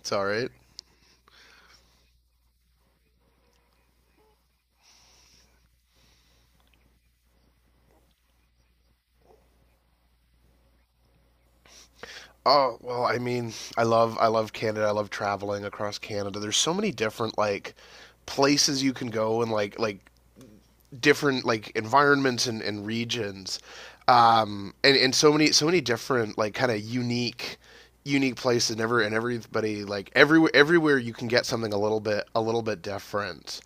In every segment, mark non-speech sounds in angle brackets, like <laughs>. It's all right. I mean, I love Canada. I love traveling across Canada. There's so many different like places you can go, and like different like environments and regions, and so many different like kind of unique places. Never and Everybody like everywhere you can get something a little bit different.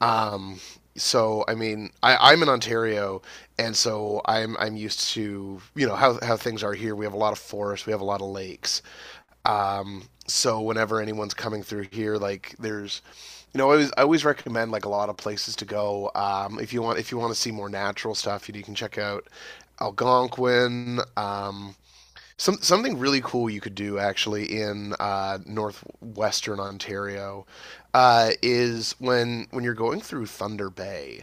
Um, so I mean, I'm in Ontario, and so I'm used to you know how things are here. We have a lot of forests, we have a lot of lakes. So whenever anyone's coming through here, I always recommend like a lot of places to go. If you want to see more natural stuff, you can check out Algonquin. Something really cool you could do actually in northwestern Ontario is when you're going through Thunder Bay,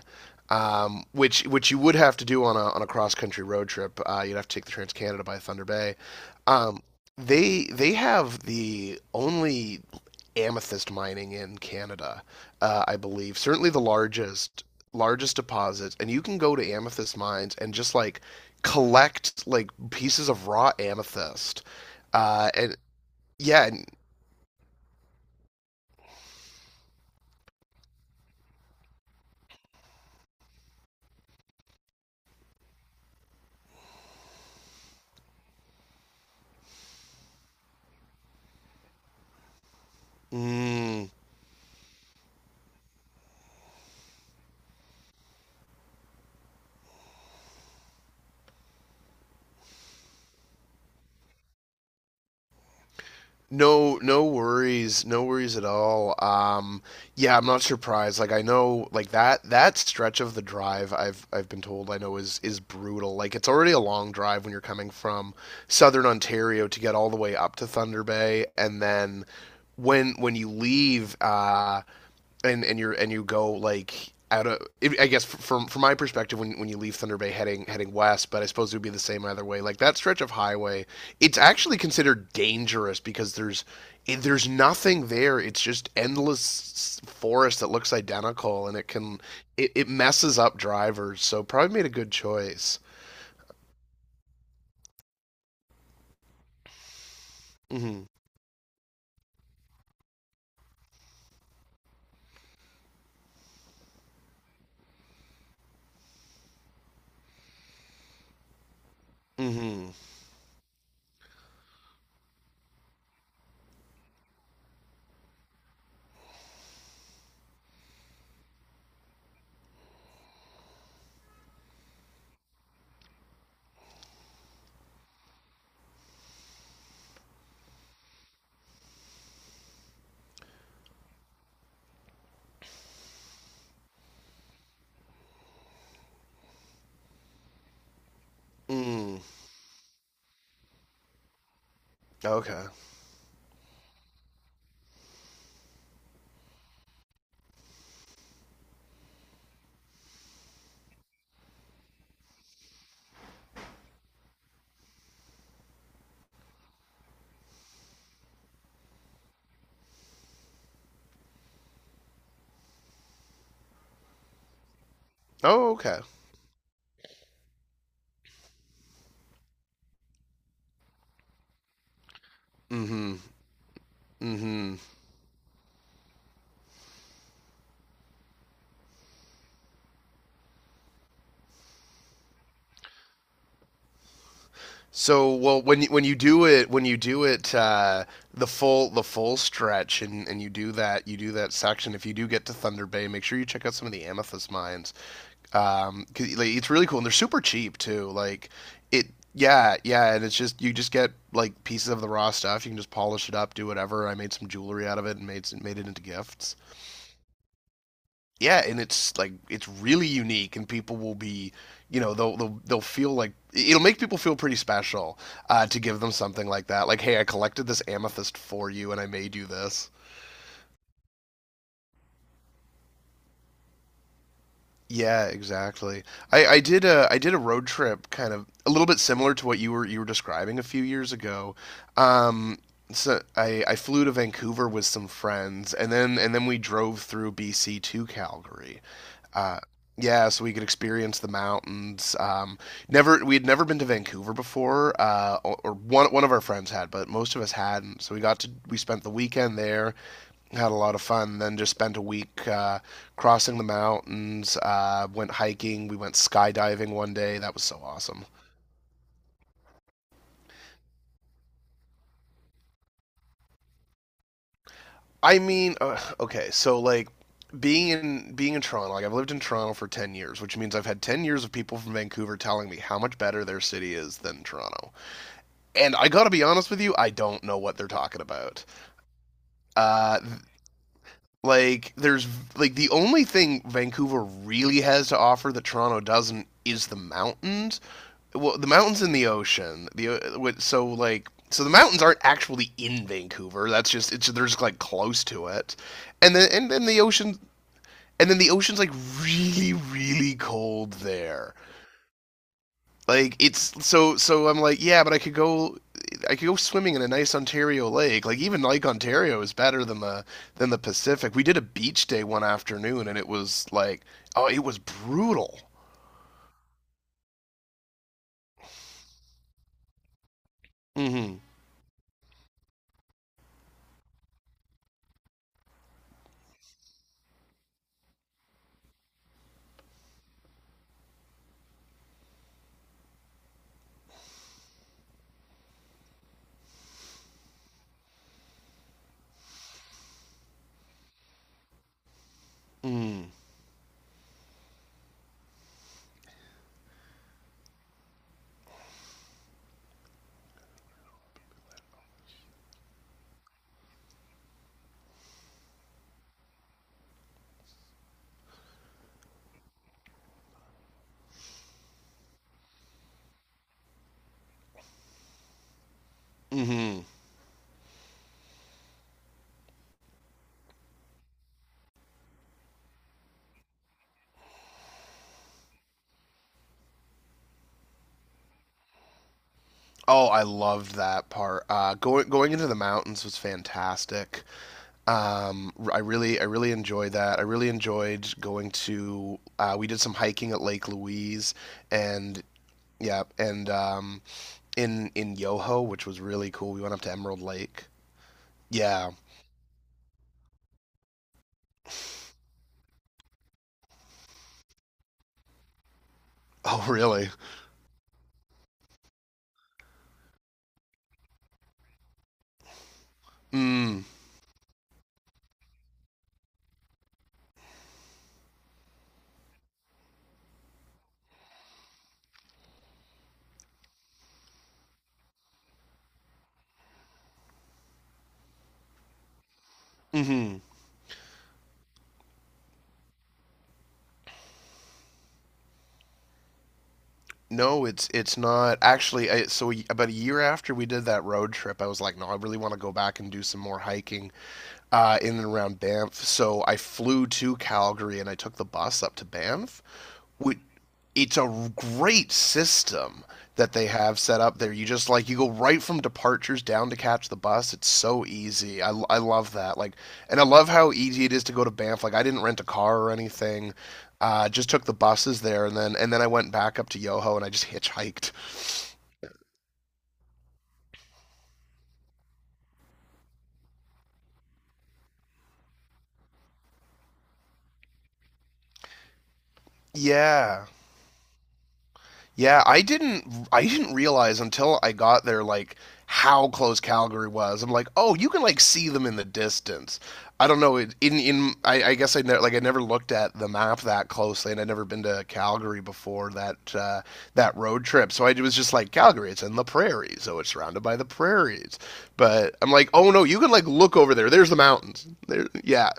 which you would have to do on a cross country road trip. You'd have to take the Trans Canada by Thunder Bay. Um, they have the only amethyst mining in Canada, I believe. Certainly the largest deposits, and you can go to amethyst mines and just like collect like pieces of raw amethyst. And yeah, and, mm, No, no worries, no worries at all. Yeah, I'm not surprised. Like I know, like that stretch of the drive, I've been told I know is brutal. Like it's already a long drive when you're coming from southern Ontario to get all the way up to Thunder Bay, and then when you leave, and you're and you go like out of, I guess, from my perspective when you leave Thunder Bay heading west, but I suppose it would be the same either way. Like that stretch of highway, it's actually considered dangerous because there's nothing there. It's just endless forest that looks identical, and it messes up drivers. So probably made a good choice. Mm-hmm. Mm-hmm. Mm. Okay. Oh, okay. Mm-hmm. Mm-hmm. So well, when you do it, when you do it, the full stretch, and you do that section. If you do get to Thunder Bay, make sure you check out some of the amethyst mines. 'Cause, like, it's really cool, and they're super cheap too. It, yeah, yeah, and it's just you just get like pieces of the raw stuff. You can just polish it up, do whatever. I made some jewelry out of it and made it into gifts, yeah, and it's like it's really unique, and people will be, you know, they'll feel like it'll make people feel pretty special to give them something like that. Like, hey, I collected this amethyst for you, and I made you this. Yeah, exactly. I did a road trip kind of a little bit similar to what you were describing a few years ago. Um, so I flew to Vancouver with some friends, and then we drove through BC to Calgary. Uh, yeah, so we could experience the mountains. Never We had never been to Vancouver before, or one one of our friends had, but most of us hadn't. So we got to We spent the weekend there, had a lot of fun. Then just spent a week crossing the mountains, went hiking, we went skydiving one day. That was so awesome. I mean, okay, so like being in Toronto, like I've lived in Toronto for 10 years, which means I've had 10 years of people from Vancouver telling me how much better their city is than Toronto. And I got to be honest with you, I don't know what they're talking about. Uh like there's like the only thing Vancouver really has to offer that Toronto doesn't is the mountains, well, the mountains and the ocean. The so like so the mountains aren't actually in Vancouver. That's just it's They're just like close to it, and then the ocean, and then the ocean's like really cold there. Like it's so, so I'm like, yeah, but I could go. I could go swimming in a nice Ontario lake. Like even Lake Ontario is better than the Pacific. We did a beach day one afternoon, and it was like, oh, it was brutal. Hmm. Hmm. Oh, I loved that part. Going going into the mountains was fantastic. I really enjoyed that. I really enjoyed going to. We did some hiking at Lake Louise, and yeah, and in Yoho, which was really cool. We went up to Emerald Lake. Yeah. <laughs> Oh, really? Mm. Mm-hmm. No, it's not actually. So we, about a year after we did that road trip, I was like, no, I really want to go back and do some more hiking in and around Banff. So I flew to Calgary and I took the bus up to Banff. It's a great system that they have set up there. You just like you go right from departures down to catch the bus. It's so easy. I love that. And I love how easy it is to go to Banff. Like, I didn't rent a car or anything. Just took the buses there, and then I went back up to Yoho, and I just hitchhiked. Yeah. Yeah, I didn't realize until I got there like how close Calgary was. I'm like, oh, you can like see them in the distance. I don't know. It, in I guess I ne- like I never looked at the map that closely, and I'd never been to Calgary before that that road trip. So I was just like, Calgary, it's in the prairies, so it's surrounded by the prairies. But I'm like, oh no, you can like look over there. There's the mountains. There, yeah.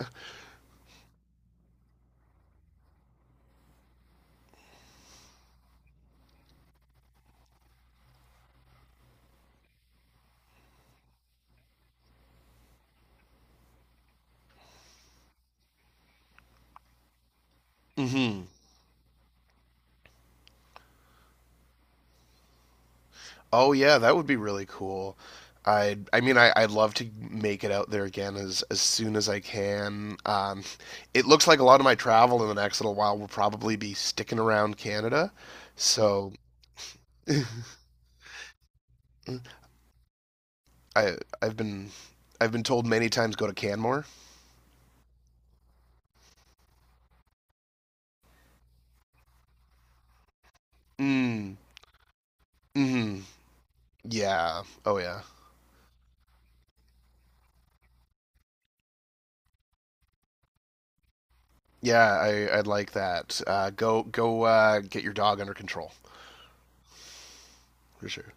Mm-hmm. Oh yeah, that would be really cool. I mean I'd love to make it out there again as soon as I can. It looks like a lot of my travel in the next little while will probably be sticking around Canada. So <laughs> I I've been I've been told many times, go to Canmore. Mm. Hmm. Yeah. Oh yeah. Yeah, I I'd like that. Go get your dog under control. For sure.